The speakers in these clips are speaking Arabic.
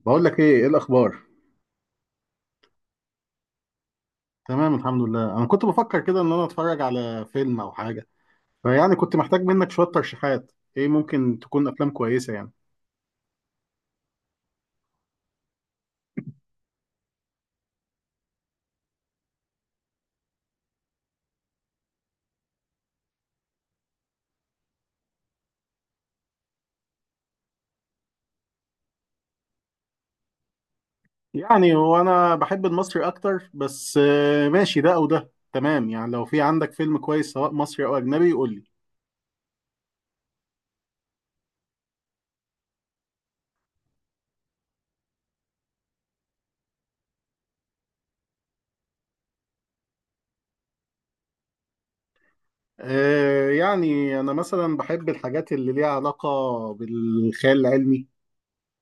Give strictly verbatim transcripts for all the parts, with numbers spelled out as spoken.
بقول لك ايه ايه الاخبار؟ تمام الحمد لله. انا كنت بفكر كده ان انا اتفرج على فيلم او حاجه، فيعني كنت محتاج منك شويه ترشيحات، ايه ممكن تكون افلام كويسه يعني. يعني هو انا بحب المصري اكتر، بس آه، ماشي، ده او ده تمام يعني، لو في عندك فيلم كويس سواء مصري او اجنبي قول لي. آه، يعني انا مثلا بحب الحاجات اللي ليها علاقه بالخيال العلمي،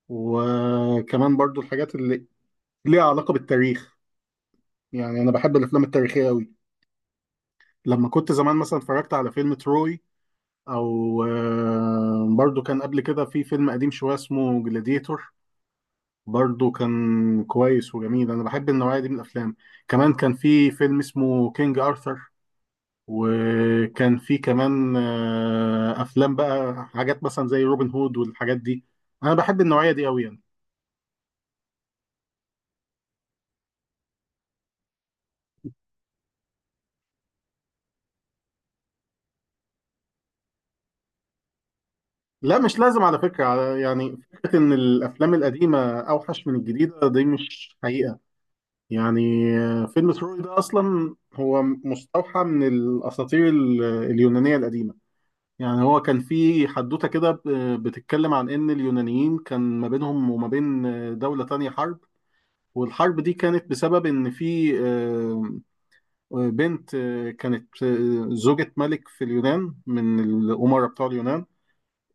وكمان برضو الحاجات اللي ليها علاقه بالتاريخ. يعني انا بحب الافلام التاريخيه قوي. لما كنت زمان مثلا اتفرجت على فيلم تروي، او آه، برضو كان قبل كده في فيلم قديم شويه اسمه جلاديتور، برضو كان كويس وجميل. انا بحب النوعيه دي من الافلام. كمان كان في فيلم اسمه كينج ارثر، وكان في كمان آه، افلام، بقى حاجات مثلا زي روبن هود والحاجات دي. انا بحب النوعيه دي قوي يعني. لا، مش لازم، على فكره، على- يعني فكره ان الافلام القديمه اوحش من الجديده دي مش حقيقه يعني. فيلم تروي ده أصلا هو مستوحى من الأساطير ال- اليونانية القديمة. يعني هو كان في حدوتة كده ب- بتتكلم عن إن اليونانيين كان ما بينهم وما بين دولة تانية حرب، والحرب دي كانت بسبب إن في آه، بنت آه، كانت آه، زوجة ملك في اليونان من الأمراء بتوع اليونان،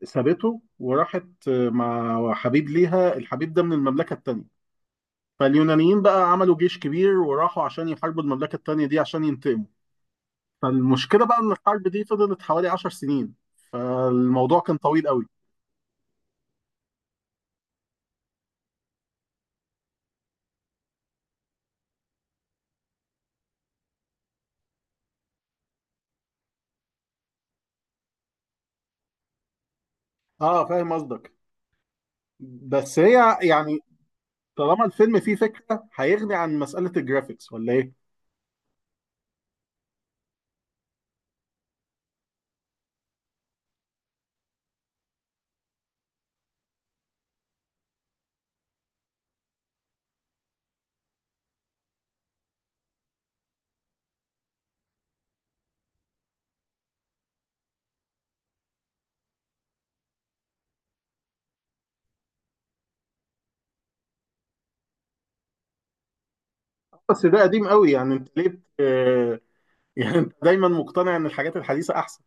سابته وراحت آه، مع حبيب ليها، الحبيب ده من المملكة التانية. فاليونانيين بقى عملوا جيش كبير وراحوا عشان يحاربوا المملكة التانية دي عشان ينتقموا. فالمشكلة بقى إن الحرب دي فضلت حوالي عشر سنين، فالموضوع كان طويل قوي. اه فاهم قصدك. بس هي يعني طالما الفيلم فيه فكرة هيغني عن مسألة الجرافيكس ولا ايه؟ بس ده قديم قوي، يعني انت ليه بت- آه، يعني انت دايما مقتنع ان الحاجات الحديثة احسن.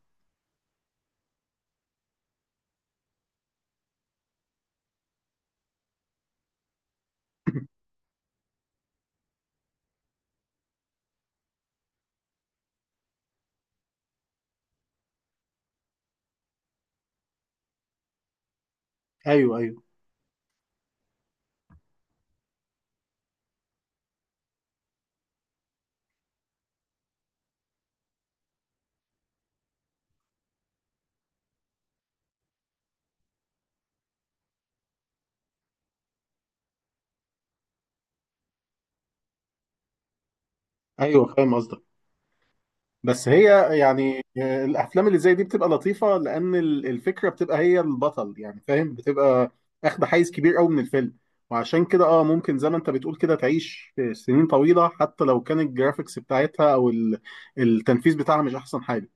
ايوه ايوه ايوه، فاهم قصدك. بس هي يعني، آه، الافلام اللي زي دي بتبقى لطيفه لان ال- الفكره بتبقى هي البطل، يعني فاهم، بتبقى اخد حيز كبير قوي من الفيلم. وعشان كده اه ممكن زي ما انت بتقول كده تعيش سنين طويله، حتى لو كان الجرافيكس بتاعتها او ال- التنفيذ بتاعها مش احسن حاجه.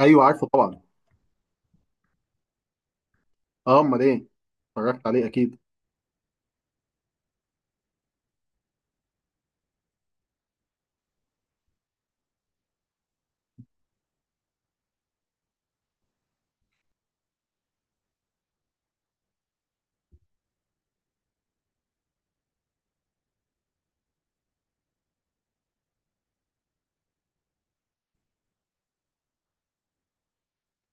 ايوه عارفه طبعا. اه امال ايه، اتفرجت عليه اكيد.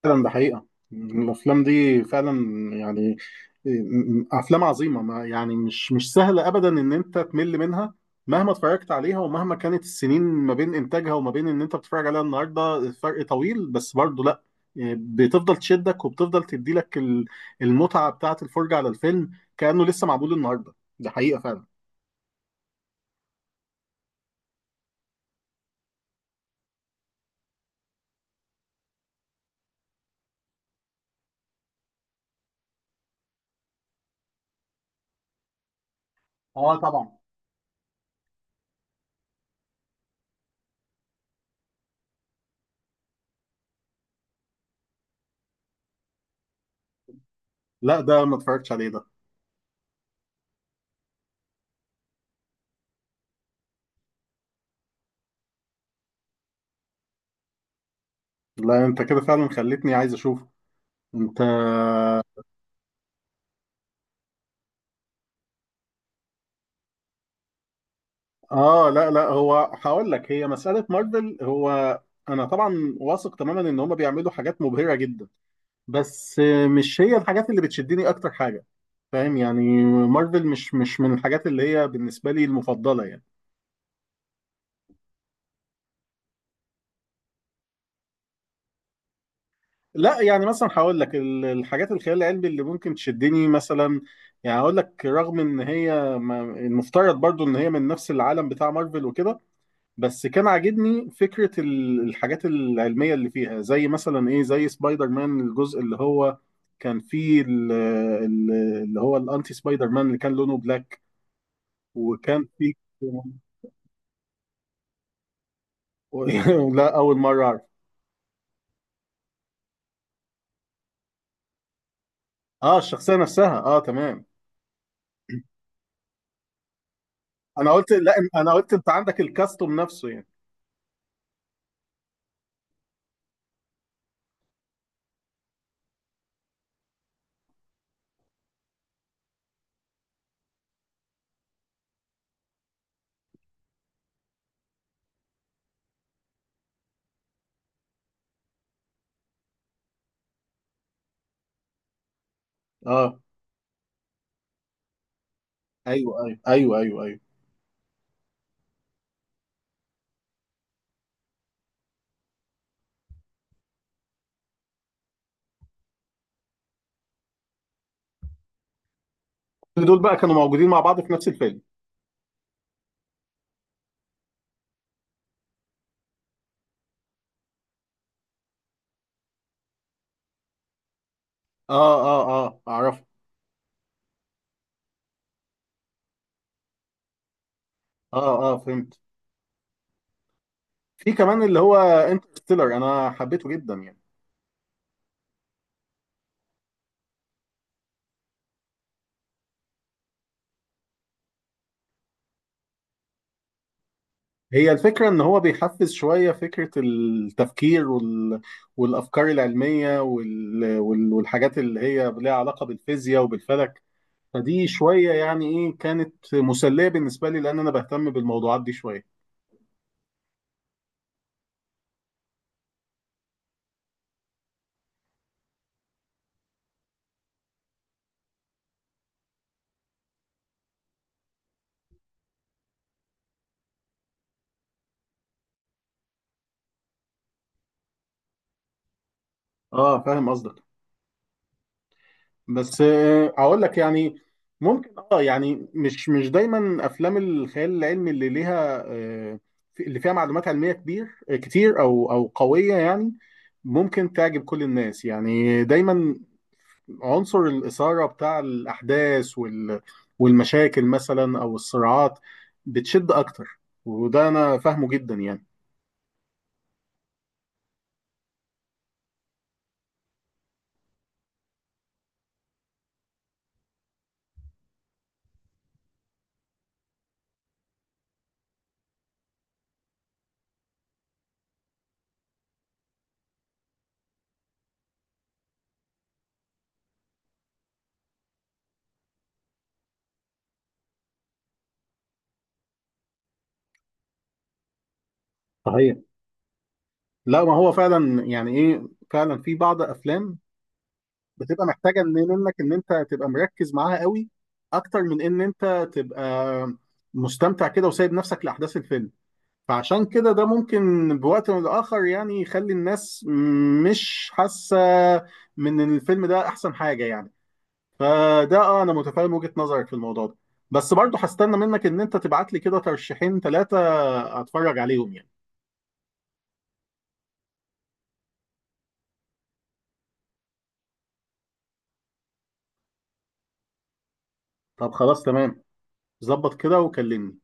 فعلا ده حقيقة. الأفلام دي فعلا يعني م- م- أفلام عظيمة، ما يعني مش مش سهلة أبدا إن أنت تمل منها، مهما اتفرجت عليها ومهما كانت السنين ما بين إنتاجها وما بين إن أنت بتتفرج عليها النهاردة، الفرق طويل بس برضه لأ، يعني بتفضل تشدك وبتفضل تديلك ال- المتعة بتاعة الفرجة على الفيلم، كأنه لسه معمول النهاردة. ده حقيقة فعلا. اه طبعا. لا، ده ما اتفرجتش عليه ده. لا، أنت كده فعلا خلتني عايز أشوفه أنت. اه لا لا، هو هقول لك، هي مسألة مارفل، هو انا طبعا واثق تماما ان هم بيعملوا حاجات مبهرة جدا، بس مش هي الحاجات اللي بتشدني اكتر حاجة، فاهم؟ يعني مارفل مش مش من الحاجات اللي هي بالنسبة لي المفضلة يعني. لا يعني مثلا هقول لك ال- الحاجات الخيال العلمي اللي ممكن تشدني مثلا، يعني هقول لك رغم ان هي ما- المفترض برضو ان هي من نفس العالم بتاع مارفل وكده، بس كان عاجبني فكرة ال- الحاجات العلمية اللي فيها، زي مثلا ايه، زي سبايدر مان الجزء اللي هو كان فيه ال- ال- اللي هو الانتي سبايدر مان اللي كان لونه بلاك، وكان فيه لا، اول مرة اعرف. اه الشخصية نفسها، اه تمام. انا قلت لا، انا قلت انت عندك الكاستوم نفسه يعني. اه ايوه ايوه ايوه ايوه ايوه، كل دول بقى كانوا موجودين مع بعض في نفس الفيلم. اه اه اه اعرف. اه اه فهمت. في كمان اللي هو انترستيلر، انا حبيته جدا يعني. هي الفكرة إن هو بيحفز شوية فكرة التفكير وال... والأفكار العلمية وال... وال... والحاجات اللي هي ليها علاقة بالفيزياء وبالفلك، فدي شوية يعني إيه كانت مسلية بالنسبة لي، لأن أنا بهتم بالموضوعات دي شوية. آه فاهم قصدك. بس آه، أقول لك يعني، ممكن آه يعني مش مش دايما أفلام الخيال العلمي اللي ليها آه، اللي فيها معلومات علمية كبير كتير أو أو قوية يعني ممكن تعجب كل الناس. يعني دايما عنصر الإثارة بتاع الأحداث وال... والمشاكل مثلا أو الصراعات بتشد أكتر، وده أنا فاهمه جدا يعني. صحيح. لا ما هو فعلا يعني إيه، فعلا في بعض أفلام بتبقى محتاجة إن- منك إن أنت تبقى مركز معاها قوي، أكتر من إن أنت تبقى مستمتع كده وسايب نفسك لأحداث الفيلم، فعشان كده ده ممكن بوقت من الآخر يعني يخلي الناس مش حاسة من إن الفيلم ده أحسن حاجة يعني. فده اه انا متفاهم وجهة نظرك في الموضوع ده. بس برضه هستنى منك ان انت تبعت لي كده ترشيحين ثلاثة اتفرج عليهم يعني. طب خلاص تمام، ظبط كده وكلمني.